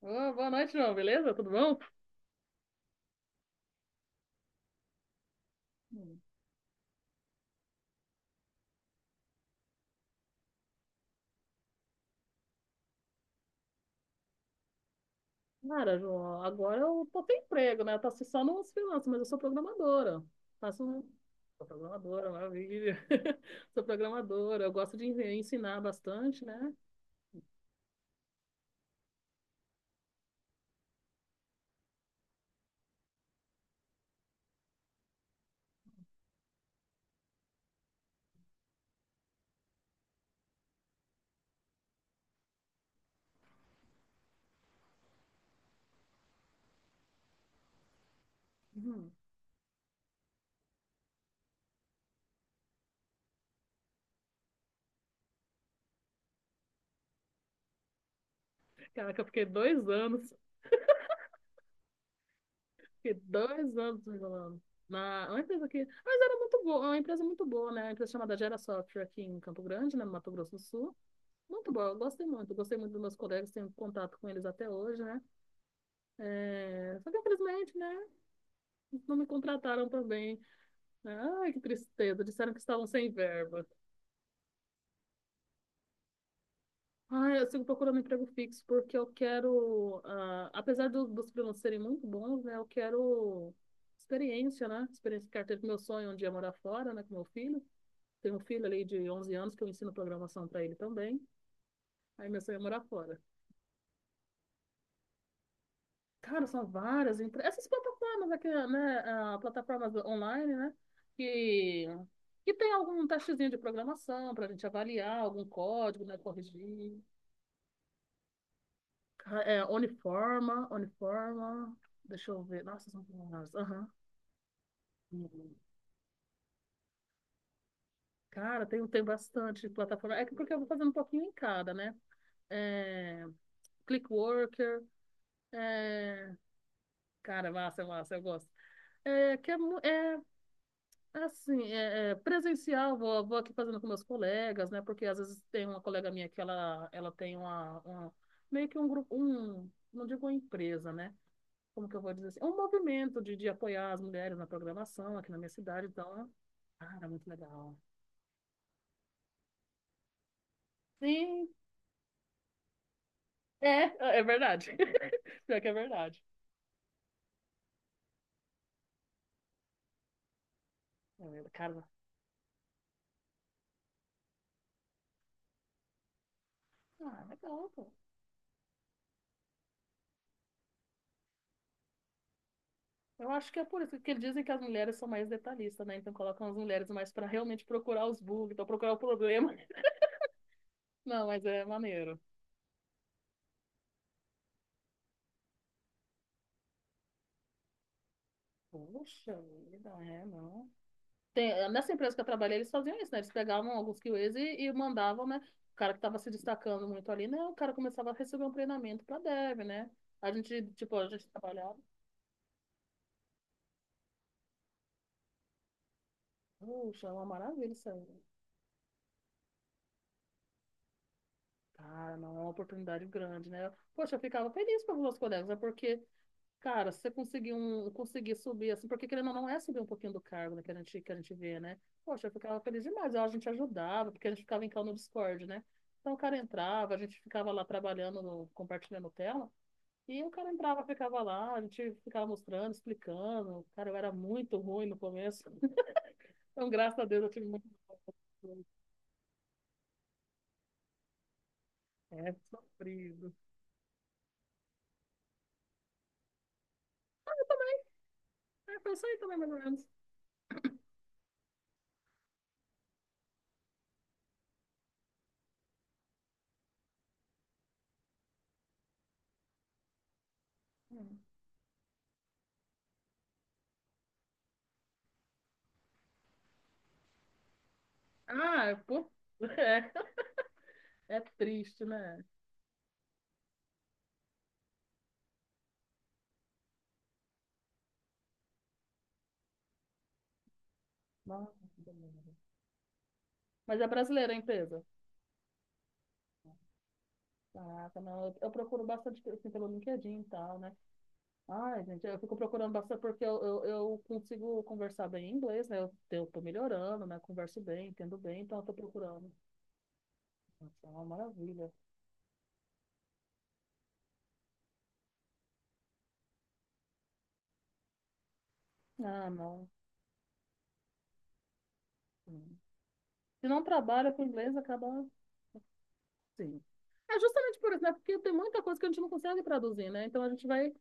Ô, boa noite, João. Beleza? Tudo bom? Hum. Cara, João, agora eu tô sem emprego, né? Eu tô assim, só nos freelancers, mas eu sou programadora. Faço um... Sou programadora, maravilha. Sou programadora. Eu gosto de ensinar bastante, né? Uhum. Caraca, eu fiquei 2 anos. Fiquei dois anos enrolando. Na É uma empresa aqui. Mas era muito boa, é uma empresa muito boa, né? Uma empresa chamada Gera Software aqui em Campo Grande, né? No Mato Grosso do Sul. Muito boa, eu gostei muito. Gostei muito dos meus colegas, tenho contato com eles até hoje, né? É, só que infelizmente, né? Não me contrataram também. Ai, que tristeza. Disseram que estavam sem verba. Ai, eu sigo procurando emprego fixo porque eu quero, apesar dos freelancers serem muito bons, né? Eu quero experiência, né? Experiência de carteira, que meu sonho é um dia morar fora, né? Com meu filho. Tenho um filho ali de 11 anos que eu ensino programação para ele também. Aí meu sonho é morar fora. Cara, são várias. Essas plataformas aqui, né? Plataformas online, né? Que, que tem algum testezinho de programação para a gente avaliar, algum código, né? Corrigir. É, Uniforma, Uniforma. Deixa eu ver. Nossa, são várias. Aham. Uhum. Cara, tem bastante plataforma. É que porque eu vou fazendo um pouquinho em cada, né? É, Clickworker. É... Cara, massa, massa, eu gosto. É, que é, é, assim, é, presencial, vou aqui fazendo com meus colegas, né? Porque às vezes tem uma colega minha que ela tem uma, meio que um grupo, um, não digo uma empresa, né? Como que eu vou dizer assim? É um movimento de apoiar as mulheres na programação aqui na minha cidade, então, cara, muito legal. Sim, é verdade. Pior que é verdade. Cara, legal, pô. Eu acho que é por isso que eles dizem que as mulheres são mais detalhistas, né? Então colocam as mulheres mais para realmente procurar os bugs, então procurar o problema. Não, mas é maneiro. Puxa vida, é, não. Tem, nessa empresa que eu trabalhei, eles faziam isso, né? Eles pegavam alguns QAs e mandavam, né? O cara que estava se destacando muito ali, né? O cara começava a receber um treinamento para dev, né? A gente, tipo, a gente trabalhava. Puxa, é uma maravilha isso aí. Cara, não, é uma oportunidade grande, né? Poxa, eu ficava feliz pelos meus colegas, né? Porque cara, se você conseguir subir, assim, porque querendo ou não, é subir um pouquinho do cargo, né, que a gente vê, né? Poxa, eu ficava feliz demais, ó, a gente ajudava, porque a gente ficava em call no Discord, né? Então o cara entrava, a gente ficava lá trabalhando, compartilhando tela, e o cara entrava, ficava lá, a gente ficava mostrando, explicando. Cara, eu era muito ruim no começo. Então, graças a Deus, eu tive muito apoio. É, sofrido. É, foi isso aí também, mais ou menos. Hum. Ah, pô. É triste, né? Nossa, que demônio. Mas é brasileira a empresa? Caraca, não, eu procuro bastante assim, pelo LinkedIn e tal, né? Ai, gente, eu fico procurando bastante porque eu consigo conversar bem em inglês, né? Eu tô melhorando, né? Converso bem, entendo bem, então eu tô procurando. Nossa, é uma maravilha. Ah, não. Sim. Se não trabalha com inglês, acaba sim. É justamente por isso, né? Porque tem muita coisa que a gente não consegue traduzir, né? Então a gente vai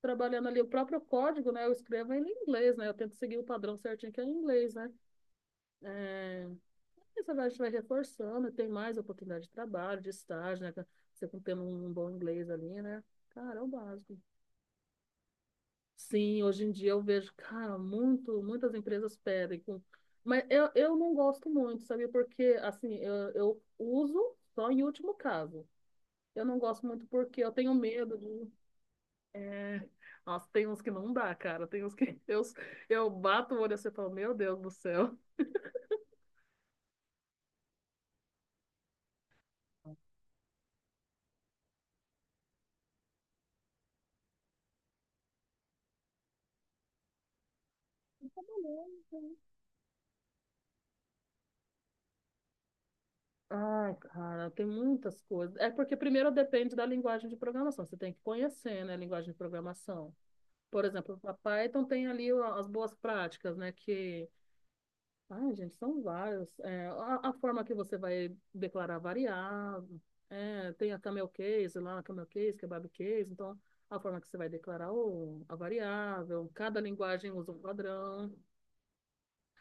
trabalhando ali o próprio código, né? Eu escrevo ele em inglês, né? Eu tento seguir o padrão certinho que é em inglês, né? É, Você vai reforçando, tem mais oportunidade de trabalho, de estágio, né? Você tendo um bom inglês ali, né? Cara, é o básico. Sim, hoje em dia eu vejo, cara, muitas empresas pedem. Mas eu não gosto muito, sabia? Porque, assim, eu uso só em último caso. Eu não gosto muito porque eu tenho medo de... É... Nossa, tem uns que não dá, cara. Tem uns que eu bato o olho assim e falo, meu Deus do céu. Ai, cara, tem muitas coisas. É porque primeiro depende da linguagem de programação. Você tem que conhecer, né, a linguagem de programação. Por exemplo, a Python tem ali as boas práticas, né, que... Ai, gente, são vários. É, a forma que você vai declarar variável. É, tem a camel case lá, a camel case, kebab case. Então, a forma que você vai declarar o, a variável. Cada linguagem usa um padrão.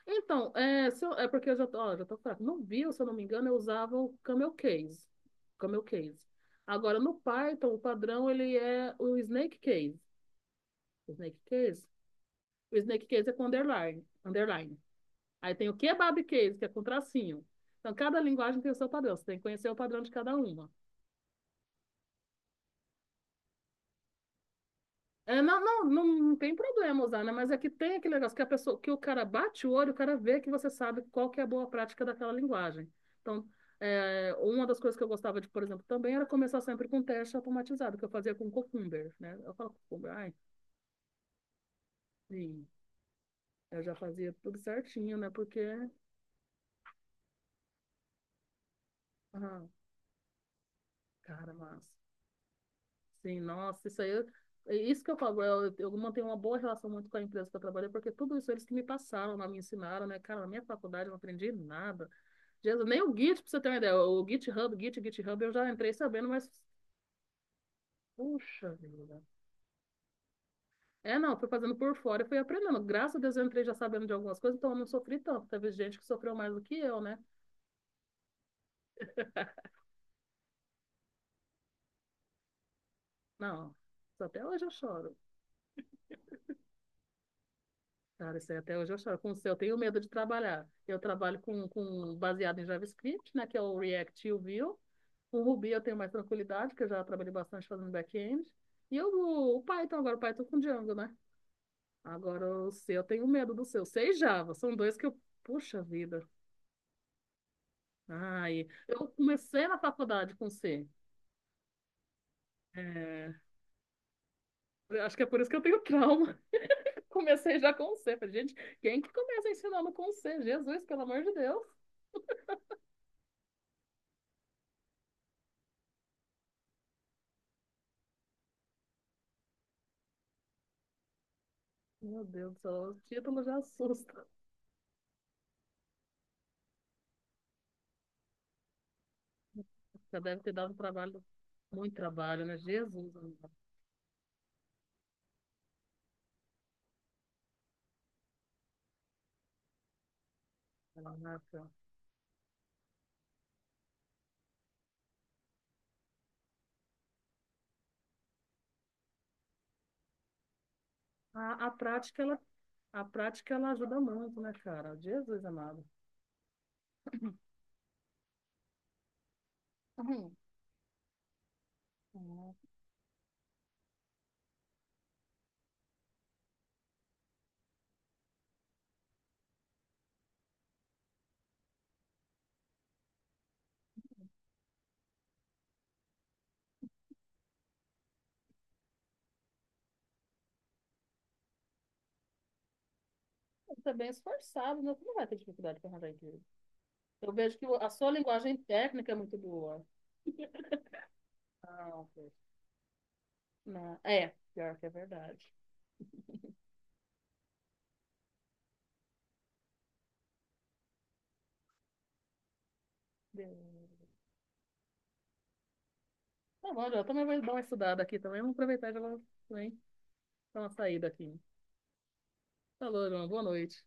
Então, é, se eu- é porque eu já tô, ó, já tô fraca. No Vue, se eu não me engano, eu usava o Camel Case. Camel Case. Agora, no Python, o padrão, ele é o Snake Case. O Snake Case? O Snake Case é com underline. Underline. Aí tem o Kebab Case, que é com tracinho. Então, cada linguagem tem o seu padrão. Você tem que conhecer o padrão de cada uma. É, não, não, não, não tem problema usar, né? Mas é que tem aquele negócio que a pessoa, que o cara bate o olho, o cara vê que você sabe qual que é a boa prática daquela linguagem. Então, é, uma das coisas que eu gostava de, por exemplo, também era começar sempre com teste automatizado, que eu fazia com Cucumber, né? Eu falo Cucumber, ai, sim, eu já fazia tudo certinho, né? Porque, ah, cara, mas, sim, nossa, isso aí, é isso que eu falo, eu mantenho uma boa relação muito com a empresa que eu trabalhei, porque tudo isso eles que me passaram, lá, me ensinaram, né? Cara, na minha faculdade eu não aprendi nada. Jesus, nem o Git, pra você ter uma ideia. O GitHub, Git, GitHub, eu já entrei sabendo, mas. Puxa vida. É, não, fui fazendo por fora e fui aprendendo. Graças a Deus eu entrei já sabendo de algumas coisas, então eu não sofri tanto. Teve gente que sofreu mais do que eu, né? Não, isso até hoje eu choro. Cara, isso aí até hoje eu choro. Com o seu, eu tenho medo de trabalhar. Eu trabalho com baseado em JavaScript, né? Que é o React e o Vue. Com o Ruby eu tenho mais tranquilidade, porque eu já trabalhei bastante fazendo back-end. E eu, o Python agora, o Python com Django, né? Agora, o seu, eu tenho medo do seu. C e Java, são dois que eu. Puxa vida. Ai, eu comecei na faculdade com C. É, eu acho que é por isso que eu tenho trauma. Comecei já com C. Falei, gente, quem que começa ensinando com C? Jesus, pelo amor de Deus. Meu Deus do céu, o título já assusta. Já deve ter dado trabalho, muito trabalho, né? Jesus amado. A prática, ela, a prática, ela ajuda muito, né, cara? Jesus amado. Uhum. Você é bem esforçado, né? Você não vai ter dificuldade para arranjar emprego. Eu vejo que a sua linguagem técnica é muito boa. Não, não. É, pior que é verdade. Tá bom, eu também vou dar uma estudada aqui também. Vamos aproveitar e já vou também dá uma saída aqui. Falou, João. Boa noite.